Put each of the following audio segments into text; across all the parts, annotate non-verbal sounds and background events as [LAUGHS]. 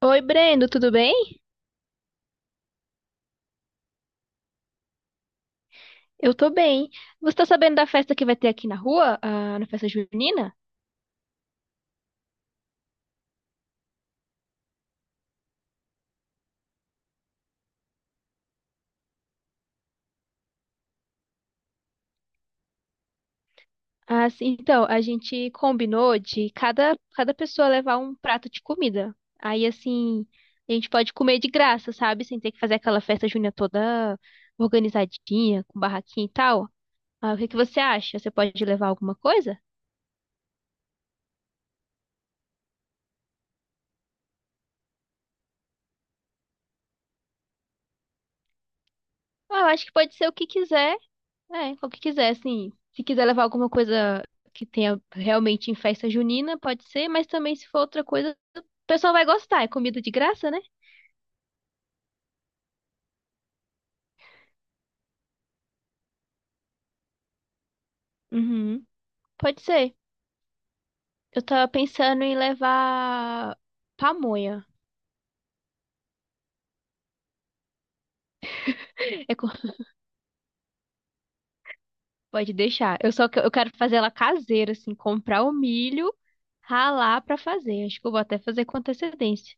Oi, Brendo, tudo bem? Eu tô bem. Você tá sabendo da festa que vai ter aqui na rua, na festa junina? Ah, sim, então, a gente combinou de cada pessoa levar um prato de comida. Aí, assim, a gente pode comer de graça, sabe? Sem ter que fazer aquela festa junina toda organizadinha, com barraquinha e tal. Ah, o que que você acha? Você pode levar alguma coisa? Ah, eu acho que pode ser o que quiser. É, o que quiser, assim. Se quiser levar alguma coisa que tenha realmente em festa junina, pode ser, mas também se for outra coisa, o pessoal vai gostar. É comida de graça, né? Uhum. Pode ser. Eu tava pensando em levar pamonha. É co- [LAUGHS] Pode deixar. Eu quero fazer ela caseira, assim, comprar o milho, ralar pra fazer. Acho que eu vou até fazer com antecedência.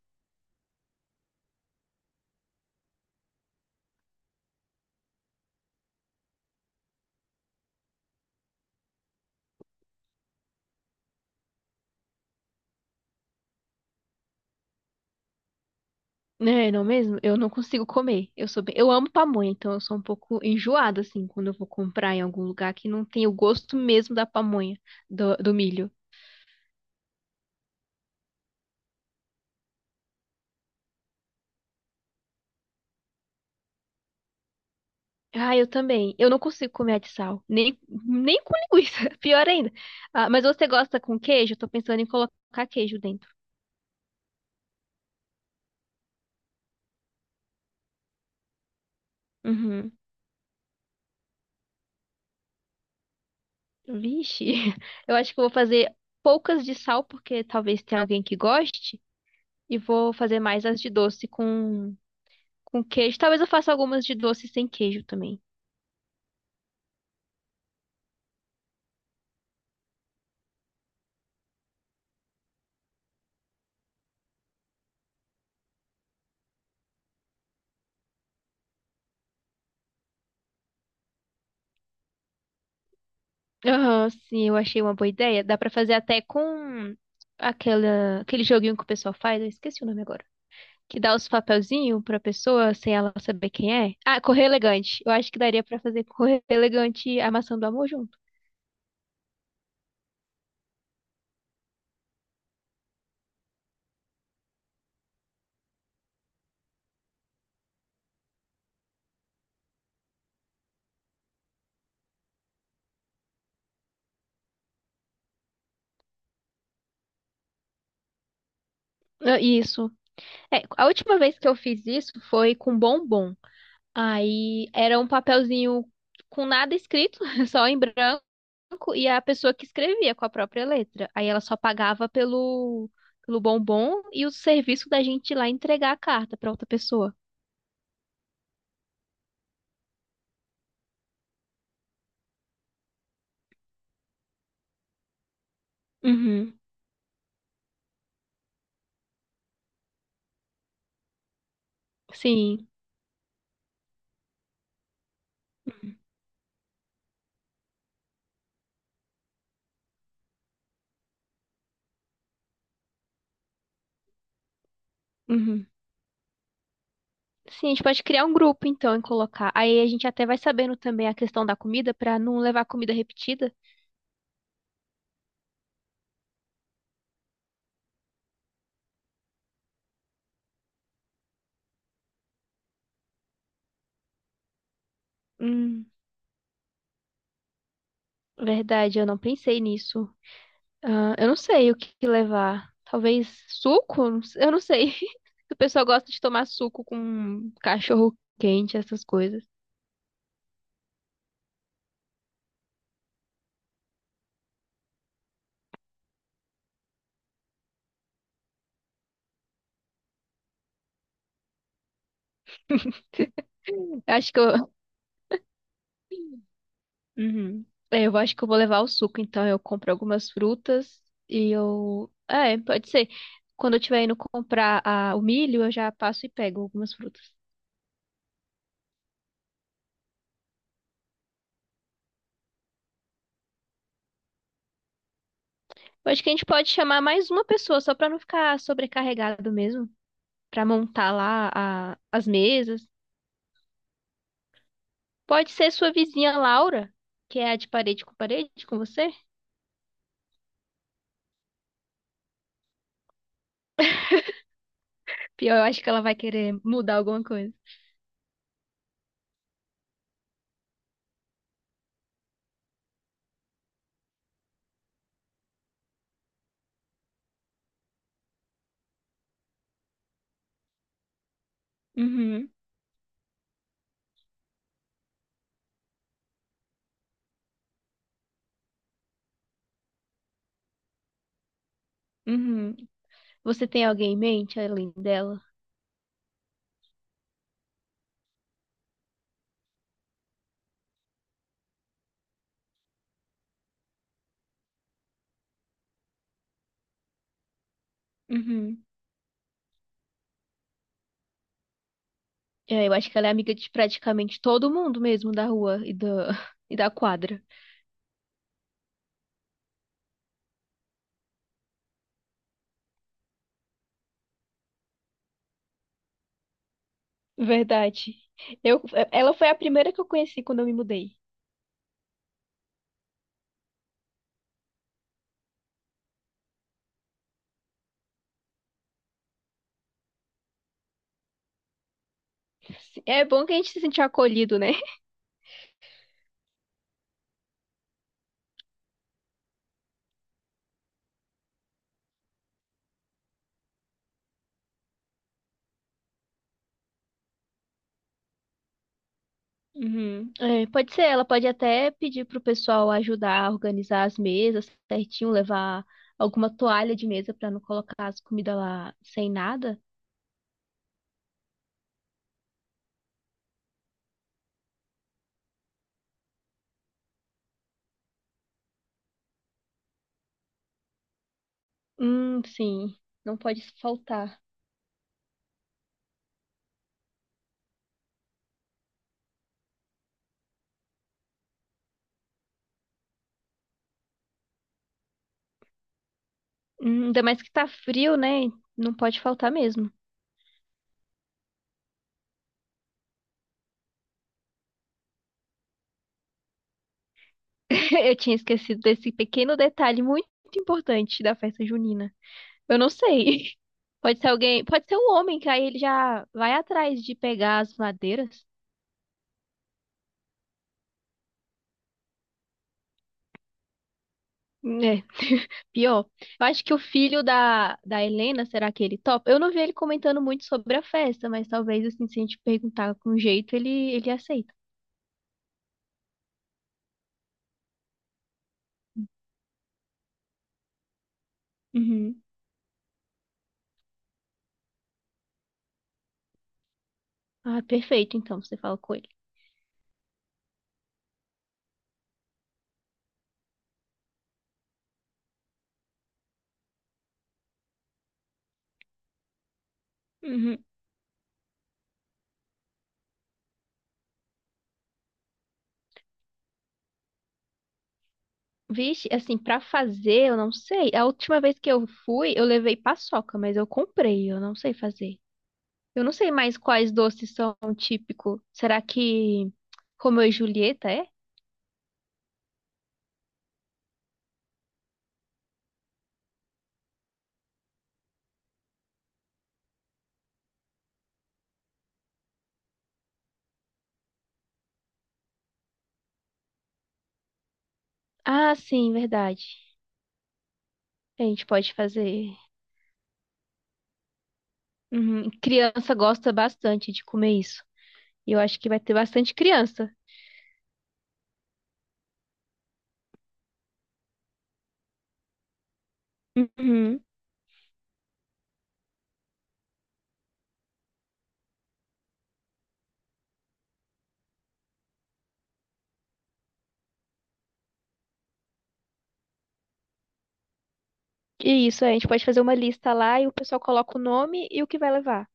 É, não mesmo? Eu não consigo comer. Eu sou bem... Eu amo pamonha, então eu sou um pouco enjoada, assim, quando eu vou comprar em algum lugar que não tem o gosto mesmo da pamonha, do milho. Ah, eu também. Eu não consigo comer a de sal. Nem com linguiça. [LAUGHS] Pior ainda. Ah, mas você gosta com queijo? Eu tô pensando em colocar queijo dentro. Uhum. Vixe. [LAUGHS] Eu acho que eu vou fazer poucas de sal, porque talvez tenha alguém que goste. E vou fazer mais as de doce com queijo. Talvez eu faça algumas de doce sem queijo também. Aham, sim, eu achei uma boa ideia. Dá pra fazer até com aquele joguinho que o pessoal faz, eu esqueci o nome agora. Que dá os papelzinhos pra pessoa sem ela saber quem é. Ah, Correr Elegante. Eu acho que daria pra fazer Correr Elegante e a Maçã do Amor junto. Ah, isso. É, a última vez que eu fiz isso foi com bombom. Aí era um papelzinho com nada escrito, [LAUGHS] só em branco. Banco e a pessoa que escrevia com a própria letra. Aí ela só pagava pelo, pelo bombom e o serviço da gente ir lá entregar a carta para outra pessoa. Uhum. Sim. Uhum. Sim, a gente pode criar um grupo então e colocar. Aí a gente até vai sabendo também a questão da comida para não levar comida repetida. Hum. Verdade, eu não pensei nisso. Ah, eu não sei o que que levar. Talvez suco? Não sei. Eu não sei. [LAUGHS] O pessoal gosta de tomar suco com cachorro quente, essas coisas. Acho que eu... Uhum. É, eu acho que eu vou levar o suco, então eu compro algumas frutas e eu. É, pode ser. Quando eu estiver indo comprar o milho, eu já passo e pego algumas frutas. Eu acho que a gente pode chamar mais uma pessoa, só pra não ficar sobrecarregado mesmo. Pra montar lá as mesas. Pode ser sua vizinha Laura, que é a de parede com você. Pior, eu acho que ela vai querer mudar alguma coisa. Uhum, uhum. Você tem alguém em mente além dela? Uhum. É, eu acho que ela é amiga de praticamente todo mundo mesmo da rua e da, [LAUGHS] e da quadra. Verdade. Eu, ela foi a primeira que eu conheci quando eu me mudei. É bom que a gente se sentiu acolhido, né? Uhum. É, pode ser, ela pode até pedir pro pessoal ajudar a organizar as mesas certinho, levar alguma toalha de mesa pra não colocar as comidas lá sem nada. Sim, não pode faltar. Ainda mais que tá frio, né? Não pode faltar mesmo. [LAUGHS] Eu tinha esquecido desse pequeno detalhe muito importante da festa junina. Eu não sei. [LAUGHS] Pode ser alguém, pode ser um homem, que aí ele já vai atrás de pegar as madeiras. É, pior. Eu acho que o filho da Helena, será que ele topa? Eu não vi ele comentando muito sobre a festa, mas talvez, assim, se a gente perguntar com jeito, ele aceita. Uhum. Ah, perfeito, então, você fala com ele. Uhum. Vixe, assim, pra fazer, eu não sei. A última vez que eu fui, eu levei paçoca, mas eu comprei, eu não sei fazer. Eu não sei mais quais doces são típicos. Será que Romeu e Julieta é? Ah, sim, verdade. A gente pode fazer. Uhum. Criança gosta bastante de comer isso. E eu acho que vai ter bastante criança. Uhum. E isso, a gente pode fazer uma lista lá e o pessoal coloca o nome e o que vai levar.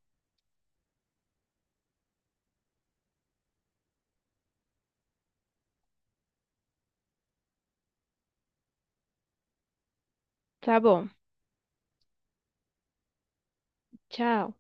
Tá bom. Tchau.